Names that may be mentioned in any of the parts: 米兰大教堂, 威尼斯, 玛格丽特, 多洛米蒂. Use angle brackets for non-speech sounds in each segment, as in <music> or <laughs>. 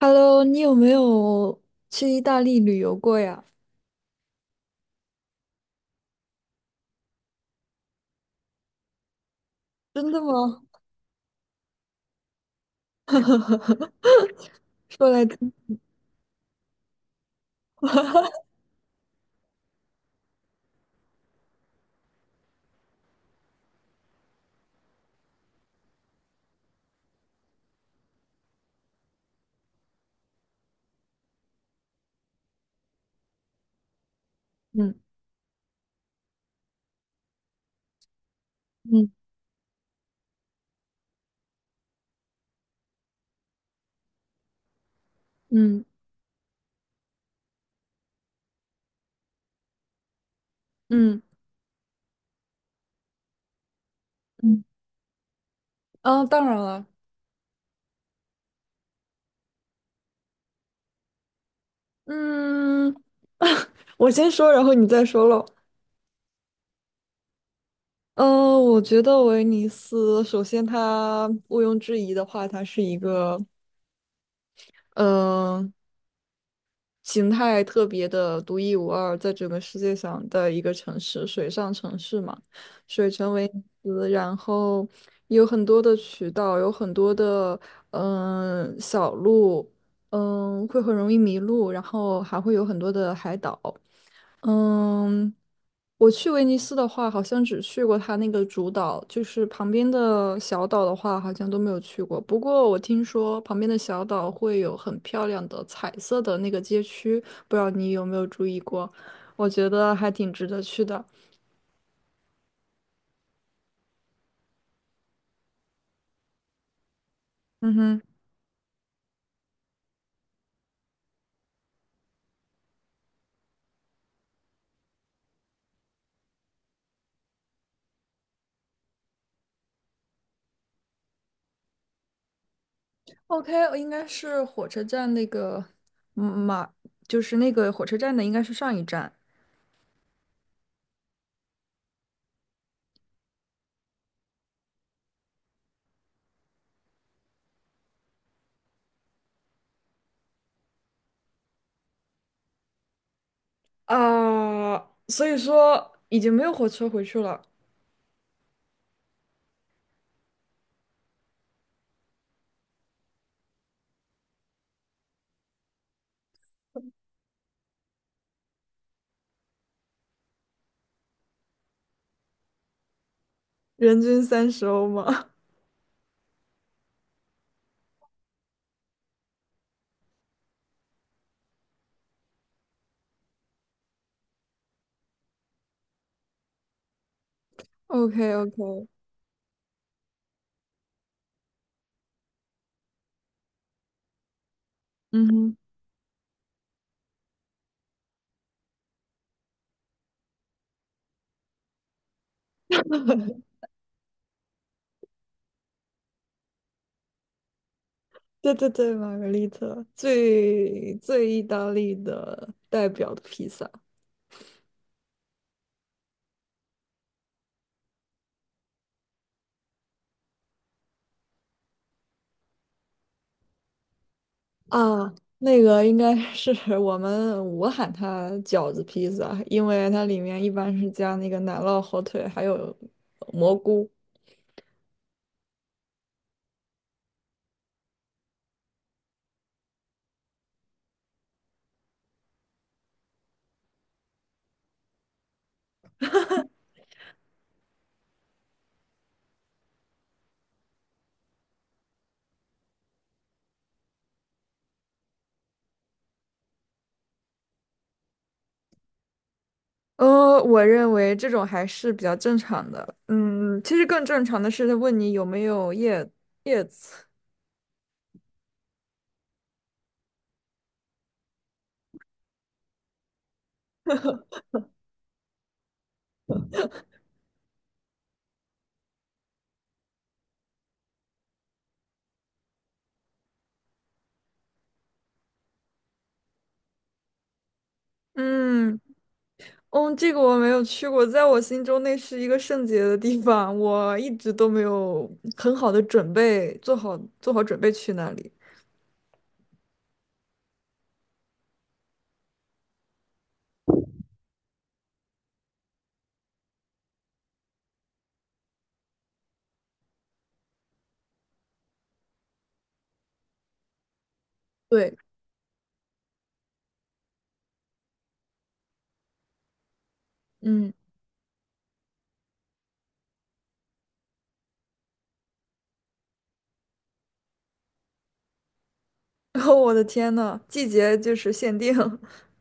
Hello，你有没有去意大利旅游过呀？真的吗？说来听。嗯嗯嗯嗯嗯，啊，当然了，嗯，<laughs> 我先说，然后你再说喽。嗯，我觉得威尼斯，首先它毋庸置疑的话，它是一个，嗯、形态特别的独一无二，在整个世界上的一个城市，水上城市嘛，水城威尼斯，然后有很多的渠道，有很多的小路，会很容易迷路，然后还会有很多的海岛。嗯，我去威尼斯的话，好像只去过它那个主岛，就是旁边的小岛的话，好像都没有去过。不过我听说旁边的小岛会有很漂亮的彩色的那个街区，不知道你有没有注意过？我觉得还挺值得去的。嗯哼，OK，应该是火车站那个，马，就是那个火车站的，应该是上一站啊，所以说已经没有火车回去了，人均30欧吗？o k o k 嗯哼，对对对，玛格丽特最最意大利的代表的披萨啊，那个应该是 <laughs> 我喊它饺子披萨，因为它里面一般是加那个奶酪、火腿还有蘑菇。我认为这种还是比较正常的。嗯，其实更正常的是问你有没有叶子。嗯。嗯，这个我没有去过，在我心中那是一个圣洁的地方，我一直都没有很好的准备，做好准备去那里。对，嗯，<laughs> 然后我的天呐，季节就是限定。<laughs>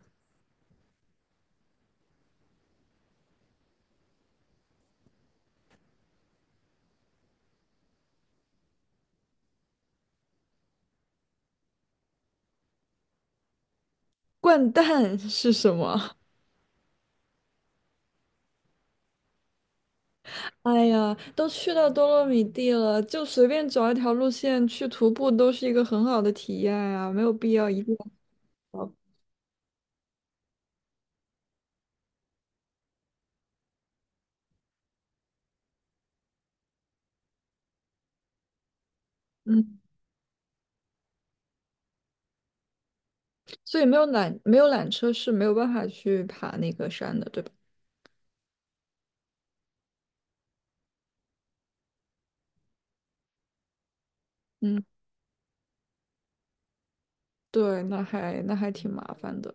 掼蛋是什么？哎呀，都去到多洛米蒂了，就随便找一条路线去徒步，都是一个很好的体验啊，没有必要一定要跑。嗯，所以没有缆车是没有办法去爬那个山的，对吧？嗯。对，那还挺麻烦的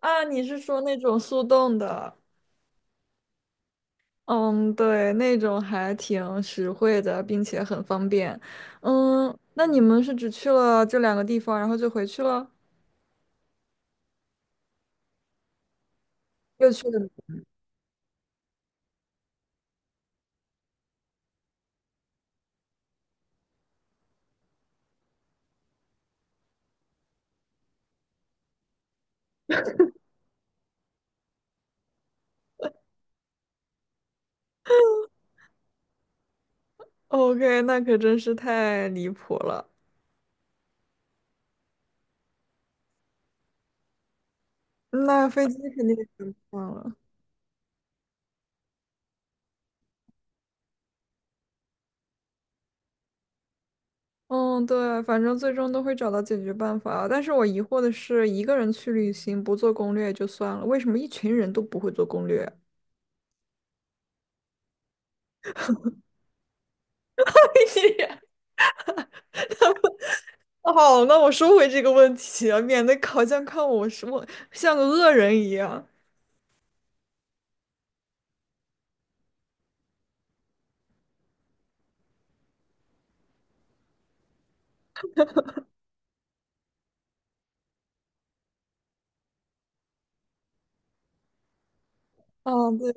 啊！你是说那种速冻的？嗯，对，那种还挺实惠的，并且很方便。嗯，那你们是只去了这两个地方，然后就回去了？又去了。OK，那可真是太离谱了。那飞机肯定是很棒了。嗯，对，反正最终都会找到解决办法。但是我疑惑的是，一个人去旅行不做攻略也就算了，为什么一群人都不会做攻略？<laughs> 好，那我收回这个问题啊，免得烤酱看我什么像个恶人一样。嗯，对，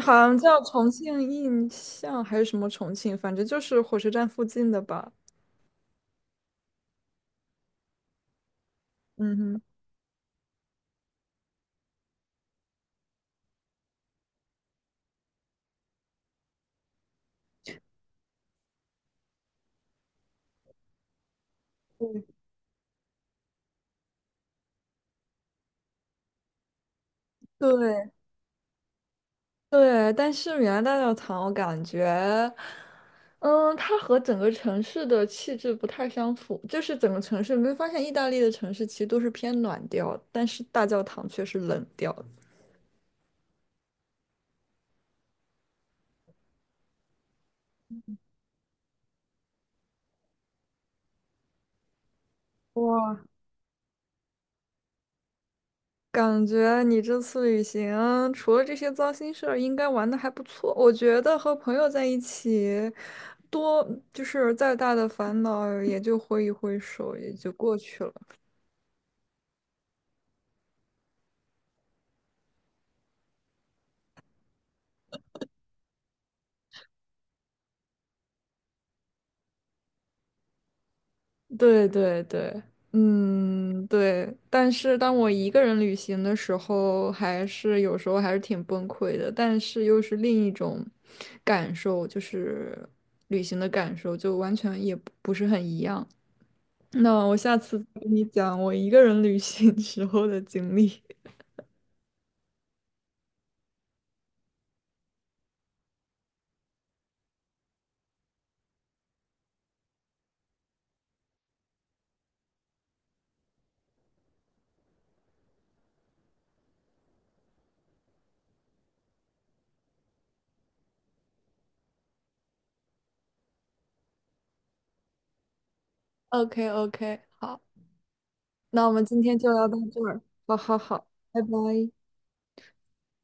好像叫重庆印象还是什么重庆，反正就是火车站附近的吧。嗯哼，对对，但是米兰大教堂我感觉，嗯，它和整个城市的气质不太相符，就是整个城市，你会发现意大利的城市其实都是偏暖调，但是大教堂却是冷调的哇。感觉你这次旅行除了这些糟心事儿，应该玩的还不错。我觉得和朋友在一起，多就是再大的烦恼也就挥一挥手，也就过去了。对对对，嗯，对。但是当我一个人旅行的时候，还是有时候还是挺崩溃的，但是又是另一种感受，就是旅行的感受，就完全也不是很一样。那我下次再跟你讲我一个人旅行 <laughs> 时候的经历。<laughs> o k o k 好，那我们今天就聊到这儿。好好好，拜拜。